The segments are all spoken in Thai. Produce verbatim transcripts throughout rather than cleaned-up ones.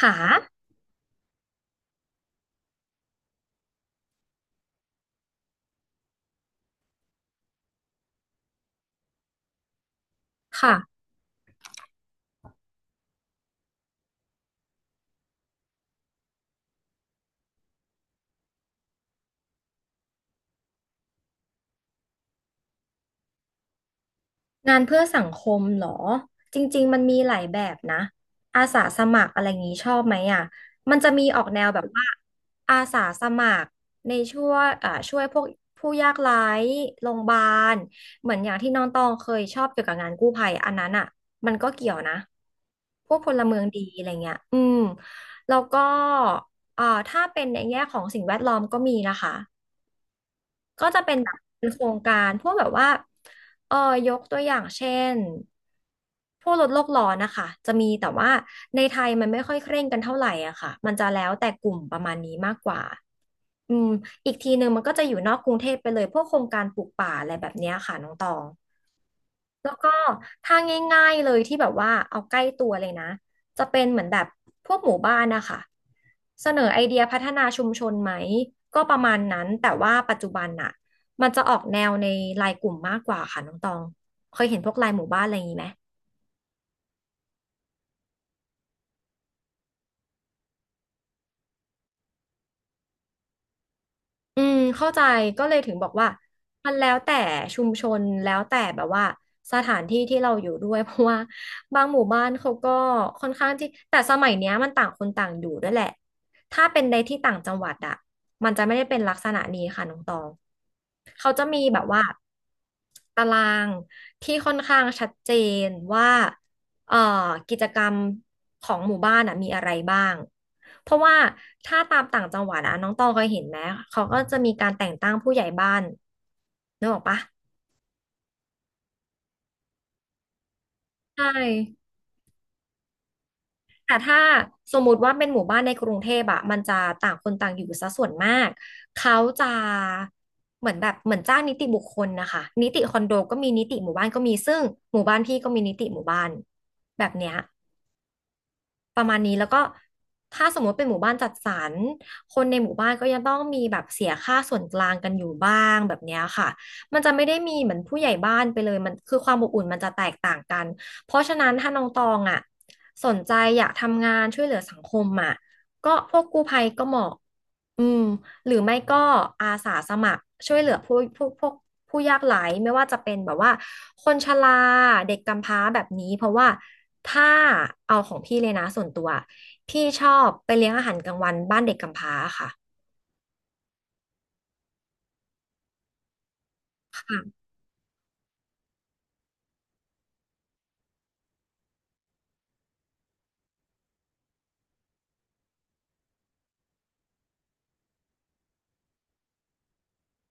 ค่ะค่ะ งานเพื่อสังคมเหรอ จริงๆ มันมีหลายแบบนะ อาสาสมัครอะไรอย่างนี้ชอบไหมอ่ะมันจะมีออกแนวแบบว่าอาสาสมัครในช่วยอ่าช่วยพวกผู้ยากไร้โรงพยาบาล เหมือนอย่างที่น้องตองเคยชอบเกี่ยวกับงานกู้ภัยอันนั้นอ่ะมันก็เกี่ยวนะ พวกพลเมืองดีอะไรเงี้ยอืม แล้วก็อ่าถ้าเป็นในแง่ของสิ่งแวดล้อมก็มีนะคะ ก็จะเป็นแบบเป็นโครงการพวกแบบว่าเออยกตัวอย่างเช่นพวกลดโลกร้อนนะคะจะมีแต่ว่าในไทยมันไม่ค่อยเคร่งกันเท่าไหร่อะค่ะมันจะแล้วแต่กลุ่มประมาณนี้มากกว่าอืมอีกทีหนึ่งมันก็จะอยู่นอกกรุงเทพไปเลยพวกโครงการปลูกป่าอะไรแบบเนี้ยค่ะน้องตอง แล้วก็ถ้าง่ายๆเลยที่แบบว่าเอาใกล้ตัวเลยนะจะเป็นเหมือนแบบพวกหมู่บ้านนะคะเสนอไอเดียพัฒนาชุมชนไหมก็ประมาณนั้นแต่ว่าปัจจุบันน่ะมันจะออกแนวในไลน์กลุ่มมากกว่าค่ะน้องตองเคยเห็นพวกไลน์หมู่บ้านอะไรอย่างนี้ไหม อืมเข้าใจก็เลยถึงบอกว่ามันแล้วแต่ชุมชนแล้วแต่แบบว่าสถานที่ที่เราอยู่ด้วย เพราะว่าบางหมู่บ้านเขาก็ค่อนข้างที่แต่สมัยเนี้ยมันต่างคนต่างอยู่ด้วยแหละถ้าเป็นในที่ต่างจังหวัดอะมันจะไม่ได้เป็นลักษณะนี้ค่ะน้องตองเขาจะมีแบบว่าตารางที่ค่อนข้างชัดเจนว่า เอ่อกิจกรรมของหมู่บ้านอ่ะมีอะไรบ้าง เพราะว่าถ้าตามต่างจังหวัดอ่ะน้องตองเคยเห็นไหมเขาก็จะมีการแต่งตั้งผู้ใหญ่บ้านนึกออกปะใช่แต่ถ้าสมมุติว่าเป็นหมู่บ้านในกรุงเทพอะมันจะต่างคนต่างอยู่ซะส่วนมากเขาจะเหมือนแบบเหมือนจ้างนิติบุคคลนะคะนิติคอนโดก็มีนิติหมู่บ้านก็มีซึ่งหมู่บ้านพี่ก็มีนิติหมู่บ้านแบบเนี้ย ประมาณนี้แล้วก็ถ้าสมมติเป็นหมู่บ้านจัดสรรคนในหมู่บ้านก็ยังต้องมีแบบเสียค่าส่วนกลางกันอยู่บ้างแบบเนี้ยค่ะมันจะไม่ได้มีเหมือนผู้ใหญ่บ้านไปเลยมันคือความอบอุ่นมันจะแตกต่างกันเพราะฉะนั้นถ้าน้องตองอ่ะสนใจอยากทำงานช่วยเหลือสังคมอ่ะก็พวกกู้ภัยก็เหมาะอืม หรือไม่ก็อาสาสมัครช่วยเหลือผู้ผู้พวกผู้ยากไร้ไม่ว่าจะเป็นแบบว่าคนชราเด็กกำพร้าแบบนี้เพราะว่าถ้าเอาของพี่เลยนะส่วนตัวพี่ชอบไปเลี้ยงอาหารกลางวันบ้านเด็กกำพร้าค่ะค่ะ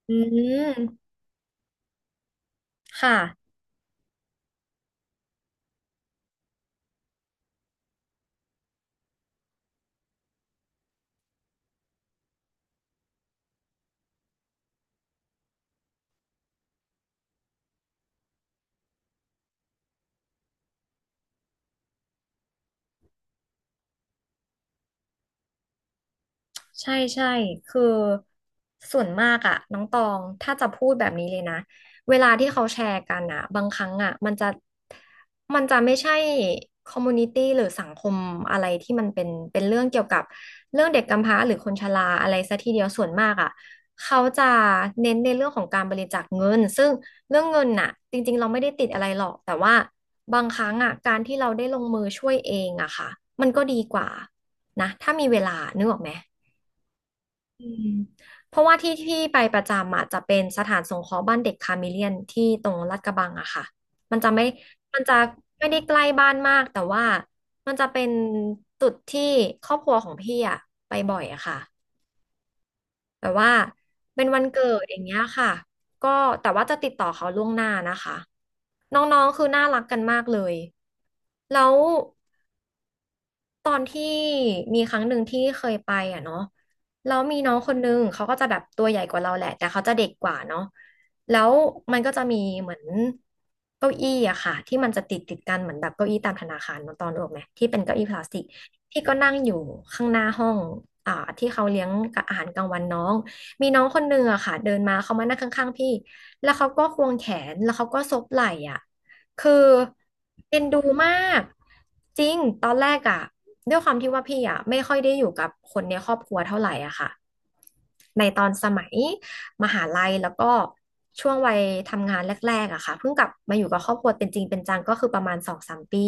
อืมค่ะ ใช่ใช่คือส่วนมากอะน้องตองถ้าจะพูดแบบนี้เลยนะเวลาที่เขาแชร์กันอะบางครั้งอะมันจะมันจะไม่ใช่คอมมูนิตี้หรือสังคมอะไรที่มันเป็นเป็นเรื่องเกี่ยวกับเรื่องเด็กกำพร้าหรือคนชราอะไรซะทีเดียวส่วนมากอะเขาจะเน้นในเรื่องของการบริจาคเงินซึ่งเรื่องเงินน่ะจริงๆเราไม่ได้ติดอะไรหรอกแต่ว่าบางครั้งอะการที่เราได้ลงมือช่วยเองอะค่ะมันก็ดีกว่านะถ้ามีเวลานึกออกไหม อืมเพราะว่าที่ที่ไปประจำอ่ะจะเป็นสถานสงเคราะห์บ้านเด็กคาเมเลียนที่ตรงลาดกระบังอะค่ะมันจะไม่มันจะไม่ได้ใกล้บ้านมากแต่ว่ามันจะเป็นจุดที่ครอบครัวของพี่อะไปบ่อยอะค่ะแบบว่าเป็นวันเกิดอย่างเงี้ยค่ะก็แต่ว่าจะติดต่อเขาล่วงหน้านะคะน้องๆคือน่ารักกันมากเลยแล้ว ตอนที่มีครั้งหนึ่งที่เคยไปอ่ะเนาะแล้วมีน้องคนนึงเขาก็จะแบบตัวใหญ่กว่าเราแหละแต่เขาจะเด็กกว่าเนาะแล้วมันก็จะมีเหมือนเก้าอี้อะค่ะที่มันจะติดติดกันเหมือนแบบเก้าอี้ตามธนาคารเนอะตอนออกไหมที่เป็นเก้าอี้พลาสติกที่ก็นั่งอยู่ข้างหน้าห้องอ่าที่เขาเลี้ยงอาหารกลางวันน้องมีน้องคนนึงอะค่ะเดินมาเขามานั่งข้างๆพี่แล้วเขาก็ควงแขนแล้วเขาก็ซบไหล่อะ คือเอ็นดูมากจริงตอนแรกอะด้วยความที่ว่าพี่อะไม่ค่อยได้อยู่กับคนในครอบครัวเท่าไหร่อะค่ะในตอนสมัยมหาลัยแล้วก็ช่วงวัยทำงานแรกๆอะค่ะเพิ่งกลับมาอยู่กับครอบครัวเป็นจริงเป็นจังก็คือประมาณสองสามปี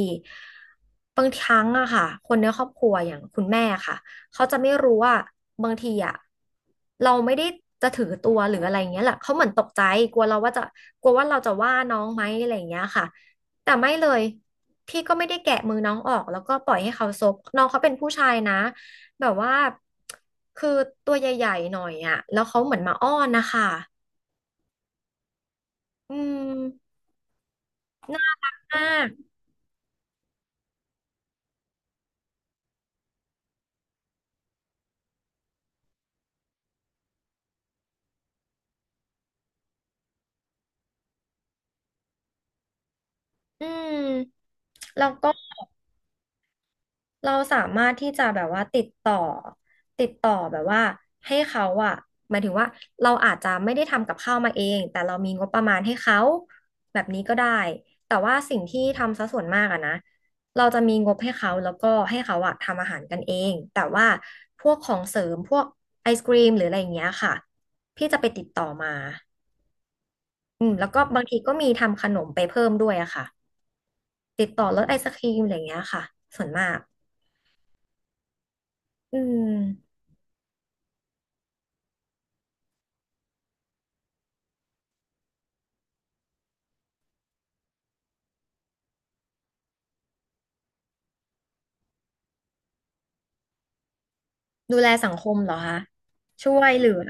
บางครั้งอะค่ะคนในครอบครัวอย่างคุณแม่ค่ะเขาจะไม่รู้ว่าบางทีอะเราไม่ได้จะถือตัวหรืออะไรอย่างเงี้ยแหละเขาเหมือนตกใจกลัวเราว่าจะกลัวว่าเราจะว่าน้องไหมอะไรอย่างเงี้ยค่ะ แต่ไม่เลย พี่ก็ไม่ได้แกะมือน้องออกแล้วก็ปล่อยให้เขาซกน้องเขาเป็นผู้ชายนะ แบบว่า คือตัวใหญ่ๆหน่อยอ่ะแล้วเขาเหมือนมาอ้อนนะคะ อืมน่ามากอืม แล้วก็ เราสามารถที่จะแบบว่าติดต่อติดต่อแบบว่าให้เขาอะหมายถึงว่าเราอาจจะไม่ได้ทำกับข้าวมาเองแต่เรามีงบประมาณให้เขาแบบนี้ก็ได้แต่ว่าสิ่งที่ทำซะส่วนมากอะนะเราจะมีงบให้เขาแล้วก็ให้เขาอะทำอาหารกันเองแต่ว่าพวกของเสริมพวกไอศกรีมหรืออะไรอย่างเงี้ยค่ะพี่จะไปติดต่อมาอืมแล้วก็บางทีก็มีทำขนมไปเพิ่มด้วยอะค่ะติดต่อรถไอศกรีมอะไรอย่างเงี้ยค่ะส่วนมากอืม ดูแลสังคมเหรอคะช่วยเหลือ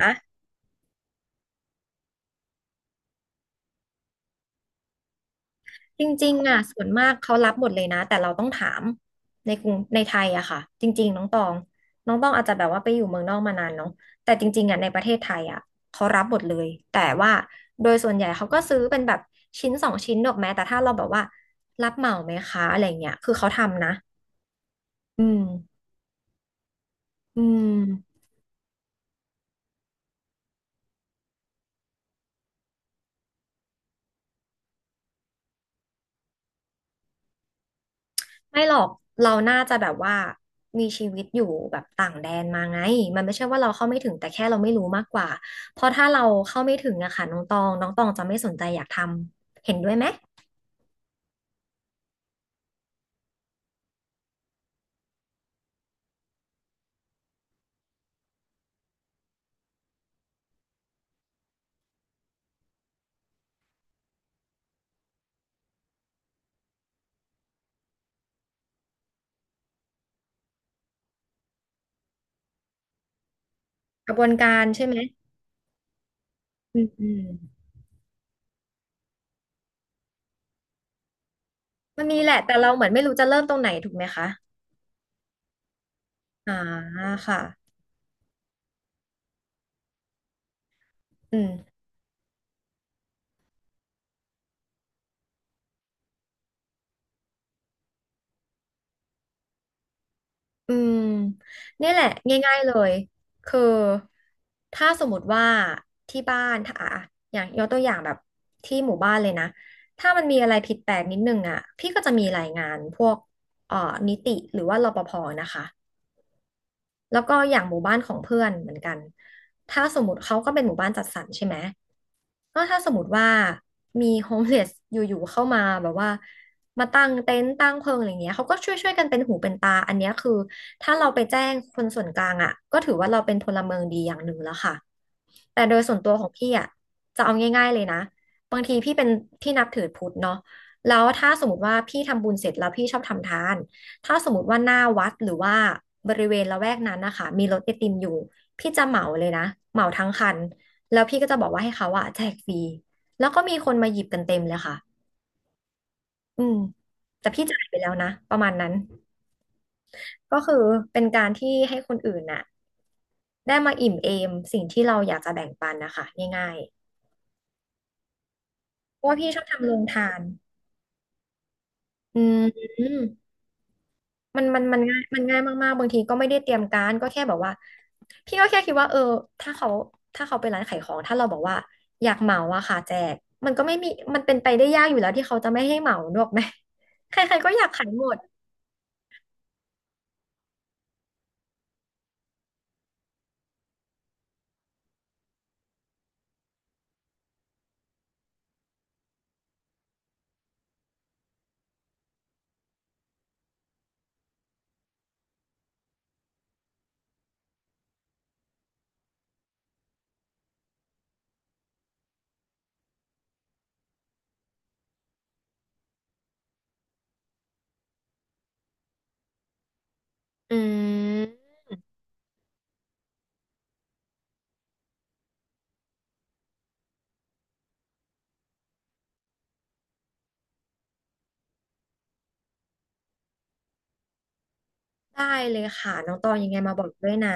จริงๆอ่ะส่วนมากเขารับหมดเลยนะแต่เราต้องถามในกรุงในไทยอะค่ะจริงๆน้องตองน้องตองอาจจะแบบว่าไปอยู่เมืองนอกมานานเนาะแต่จริงๆอะในประเทศไทยอะเขารับหมดเลยแต่ว่าโดยส่วนใหญ่เขาก็ซื้อเป็นแบบชิ้นสองชิ้นหรอกแม้แต่ถ้าเราแบบว่ารับเหมาไหมคะอะไรเงี้ยคือเขาทำนะอืมอืม ไม่หรอกเราน่าจะแบบว่ามีชีวิตอยู่แบบต่างแดนมาไงมันไม่ใช่ว่าเราเข้าไม่ถึงแต่แค่เราไม่รู้มากกว่าเพราะถ้าเราเข้าไม่ถึงอะค่ะน้องตองน้องตองจะไม่สนใจอยากทำเห็นด้วยไหมกระบวนการใช่ไหมอืมอืมมันมีแหละแต่เราเหมือนไม่รู้จะเริ่มตรงไหนถูกไหมคะอ่าค่ะอืม อืมเนี่ยแหละง่ายๆเลยคือถ้าสมมติว่าที่บ้านถ้าอ่ะอย่างยกตัวอย่างแบบที่หมู่บ้านเลยนะถ้ามันมีอะไรผิดแปลกนิดนึงอ่ะพี่ก็จะมีรายงานพวกเอ่อนิติหรือว่ารปภนะคะแล้วก็อย่างหมู่บ้านของเพื่อนเหมือนกันถ้าสมมติเขาก็เป็นหมู่บ้านจัดสรรใช่ไหม ก็ถ้าสมมติว่ามีโฮมเลสอยู่ๆเข้ามาแบบว่ามาตั้งเต็นท์ตั้งเพิงอะไรเงี้ยเขาก็ช่วยๆกันเป็นหูเป็นตาอันเนี้ยคือถ้าเราไปแจ้งคนส่วนกลางอ่ะก็ถือว่าเราเป็นพลเมืองดีอย่างหนึ่งแล้วค่ะแต่โดยส่วนตัวของพี่อ่ะจะเอาง่ายๆเลยนะบางทีพี่เป็นพี่นับถือพุทธเนาะแล้วถ้าสมมติว่าพี่ทำบุญเสร็จแล้วพี่ชอบทำทานถ้าสมมติว่าหน้าวัดหรือว่าบริเวณละแวกนั้นนะคะมีรถไอติมอยู่พี่จะเหมาเลยนะเหมาทั้งคัน แล้วพี่ก็จะบอกว่าให้เขาอะแจกฟรีแล้วก็มีคนมาหยิบกันเต็มเลยค่ะอืมแต่พี่จ่ายไปแล้วนะประมาณนั้นก็คือเป็นการที่ให้คนอื่นน่ะได้มาอิ่มเอมสิ่งที่เราอยากจะแบ่งปันนะคะง่ายๆเพราะว่าพี่ชอบทำโรงทานอืม มันมันมันง่ายมันง่ายมากๆบางทีก็ไม่ได้เตรียมการก็แค่แบบว่าพี่ก็แค่คิดว่าเออถ้าเขาถ้าเขาไปร้านขายของถ้าเราบอกว่าอยากเหมาอะค่ะแจกมันก็ไม่มีมันเป็นไปได้ยากอยู่แล้วที่เขาจะไม่ให้เหมาหรอกไหมใครๆก็อยากขายหมดอืมได้เลยค่ะน้องตองยังไงมาบอกด้วยนะ